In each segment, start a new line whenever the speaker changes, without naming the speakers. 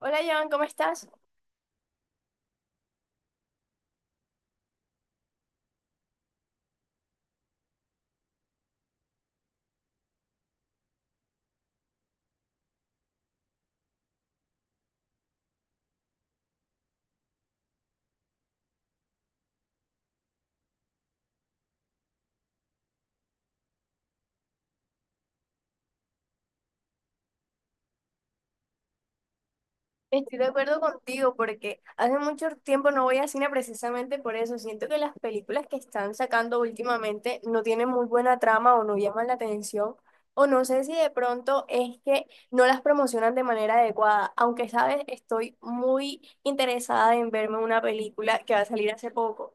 Hola, Joan, ¿cómo estás? Estoy de acuerdo contigo porque hace mucho tiempo no voy a cine precisamente por eso. Siento que las películas que están sacando últimamente no tienen muy buena trama o no llaman la atención. O no sé si de pronto es que no las promocionan de manera adecuada. Aunque, sabes, estoy muy interesada en verme una película que va a salir hace poco,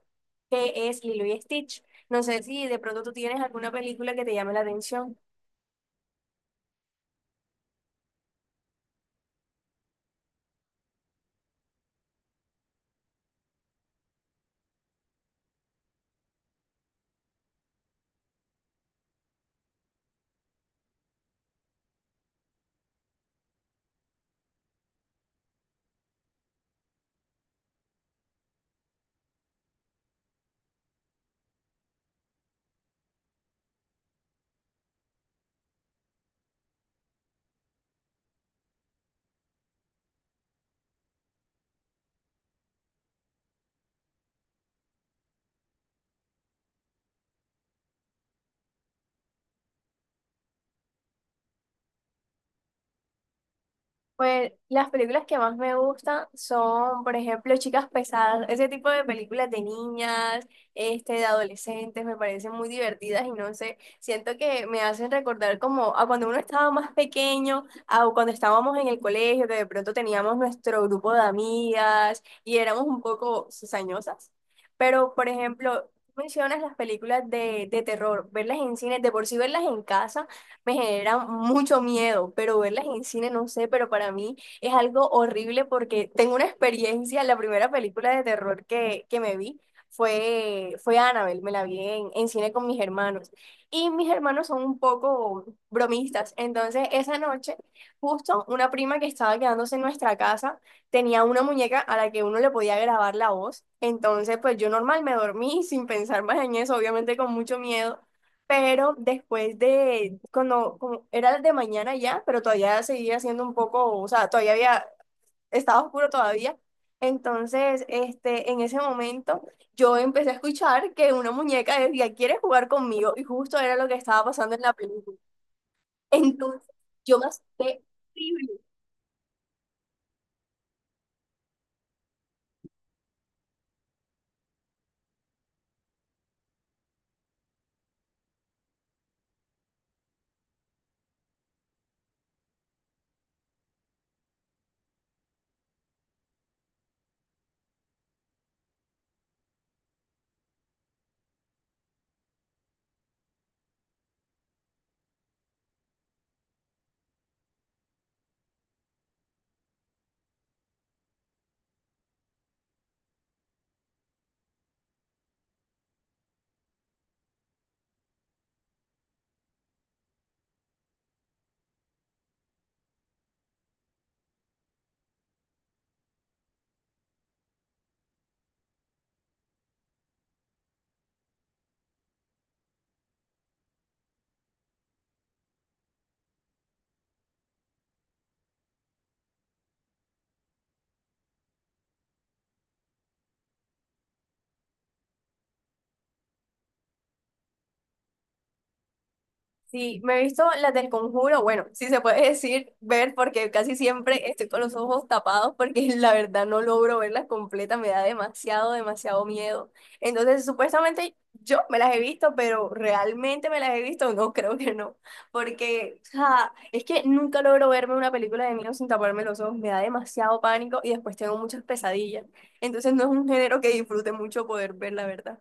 que es Lilo y Stitch. No sé si de pronto tú tienes alguna película que te llame la atención. Pues las películas que más me gustan son, por ejemplo, Chicas Pesadas, ese tipo de películas de niñas, este, de adolescentes, me parecen muy divertidas y no sé, siento que me hacen recordar como a cuando uno estaba más pequeño, a cuando estábamos en el colegio, que de pronto teníamos nuestro grupo de amigas y éramos un poco cizañosas. Pero, por ejemplo, mencionas las películas de terror, verlas en cine, de por sí verlas en casa me genera mucho miedo, pero verlas en cine no sé, pero para mí es algo horrible porque tengo una experiencia, la primera película de terror que me vi fue Annabelle, me la vi en cine con mis hermanos y mis hermanos son un poco bromistas, entonces esa noche justo una prima que estaba quedándose en nuestra casa tenía una muñeca a la que uno le podía grabar la voz, entonces pues yo normal me dormí sin pensar más en eso, obviamente con mucho miedo. Pero después de, cuando como era de mañana ya, pero todavía seguía siendo un poco, o sea, todavía había, estaba oscuro todavía. Entonces, este, en ese momento, yo empecé a escuchar que una muñeca decía, ¿quieres jugar conmigo? Y justo era lo que estaba pasando en la película. Entonces, yo me asusté. Sí, me he visto las del Conjuro, bueno, si se puede decir ver porque casi siempre estoy con los ojos tapados porque la verdad no logro verlas completas, me da demasiado, demasiado miedo. Entonces, supuestamente yo me las he visto, pero realmente me las he visto, no, creo que no, porque ja, es que nunca logro verme una película de miedo sin taparme los ojos, me da demasiado pánico y después tengo muchas pesadillas. Entonces, no es un género que disfrute mucho poder ver, la verdad.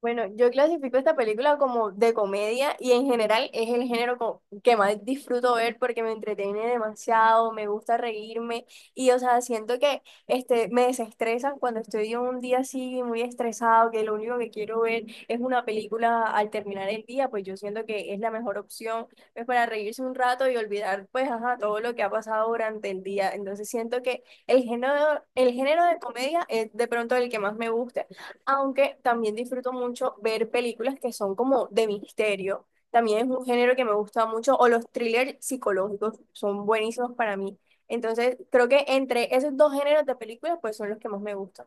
Bueno, yo clasifico esta película como de comedia y en general es el género que más disfruto ver porque me entretiene demasiado, me gusta reírme y o sea, siento que este, me desestresan cuando estoy en un día así muy estresado, que lo único que quiero ver es una película al terminar el día, pues yo siento que es la mejor opción, pues para reírse un rato y olvidar pues ajá, todo lo que ha pasado durante el día. Entonces siento que el género de comedia es de pronto el que más me gusta aunque también disfruto mucho ver películas que son como de misterio. También es un género que me gusta mucho, o los thrillers psicológicos son buenísimos para mí. Entonces, creo que entre esos dos géneros de películas, pues son los que más me gustan.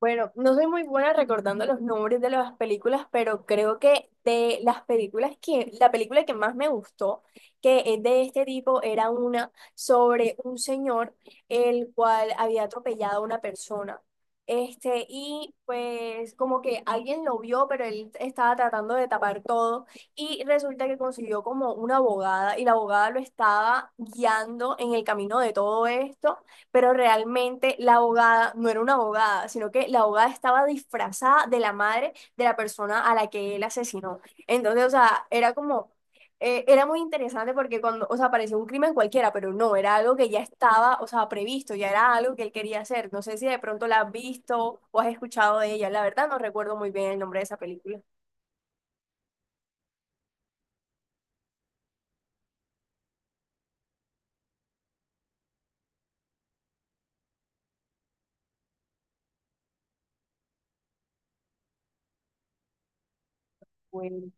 Bueno, no soy muy buena recordando los nombres de las películas, pero creo que de las películas que, la película que más me gustó, que es de este tipo, era una sobre un señor el cual había atropellado a una persona. Este, y pues como que alguien lo vio, pero él estaba tratando de tapar todo y resulta que consiguió como una abogada y la abogada lo estaba guiando en el camino de todo esto pero realmente la abogada no era una abogada, sino que la abogada estaba disfrazada de la madre de la persona a la que él asesinó. Entonces, o sea, era como, era muy interesante porque cuando, o sea, parecía un crimen cualquiera, pero no, era algo que ya estaba, o sea, previsto, ya era algo que él quería hacer. No sé si de pronto la has visto o has escuchado de ella, la verdad no recuerdo muy bien el nombre de esa película. Bueno.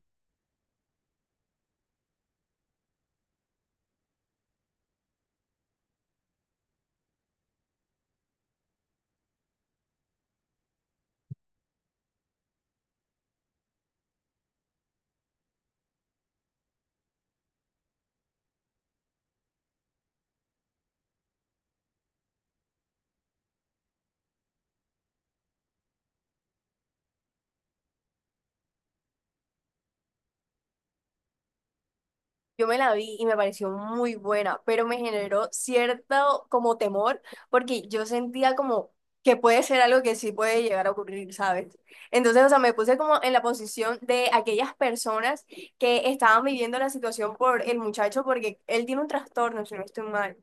Yo me la vi y me pareció muy buena, pero me generó cierto como temor porque yo sentía como que puede ser algo que sí puede llegar a ocurrir, ¿sabes? Entonces, o sea, me puse como en la posición de aquellas personas que estaban viviendo la situación por el muchacho porque él tiene un trastorno, si no estoy mal.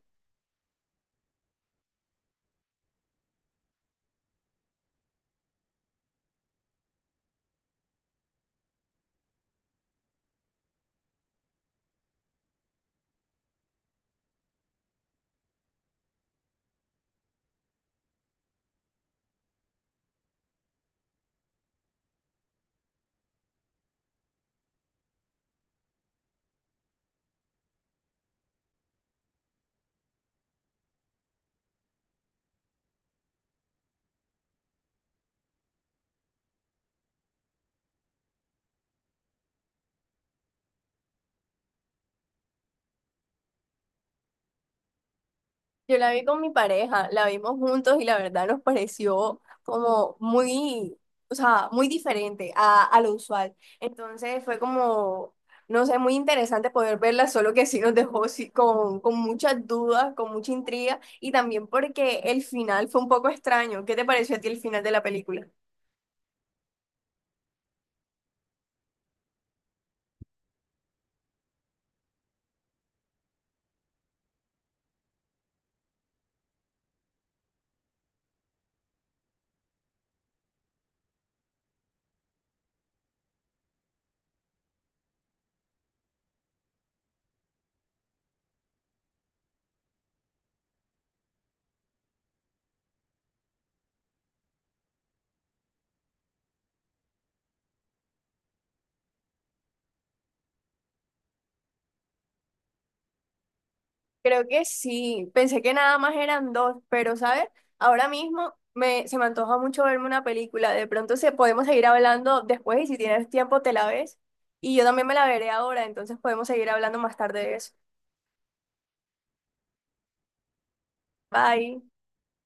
Yo la vi con mi pareja, la vimos juntos y la verdad nos pareció como muy, o sea, muy diferente a lo usual. Entonces fue como, no sé, muy interesante poder verla, solo que sí nos dejó sí, con muchas dudas, con mucha intriga y también porque el final fue un poco extraño. ¿Qué te pareció a ti el final de la película? Creo que sí, pensé que nada más eran dos, pero ¿sabes? Ahora mismo me, se me antoja mucho verme una película. De pronto se, podemos seguir hablando después y si tienes tiempo te la ves. Y yo también me la veré ahora, entonces podemos seguir hablando más tarde de eso. Bye.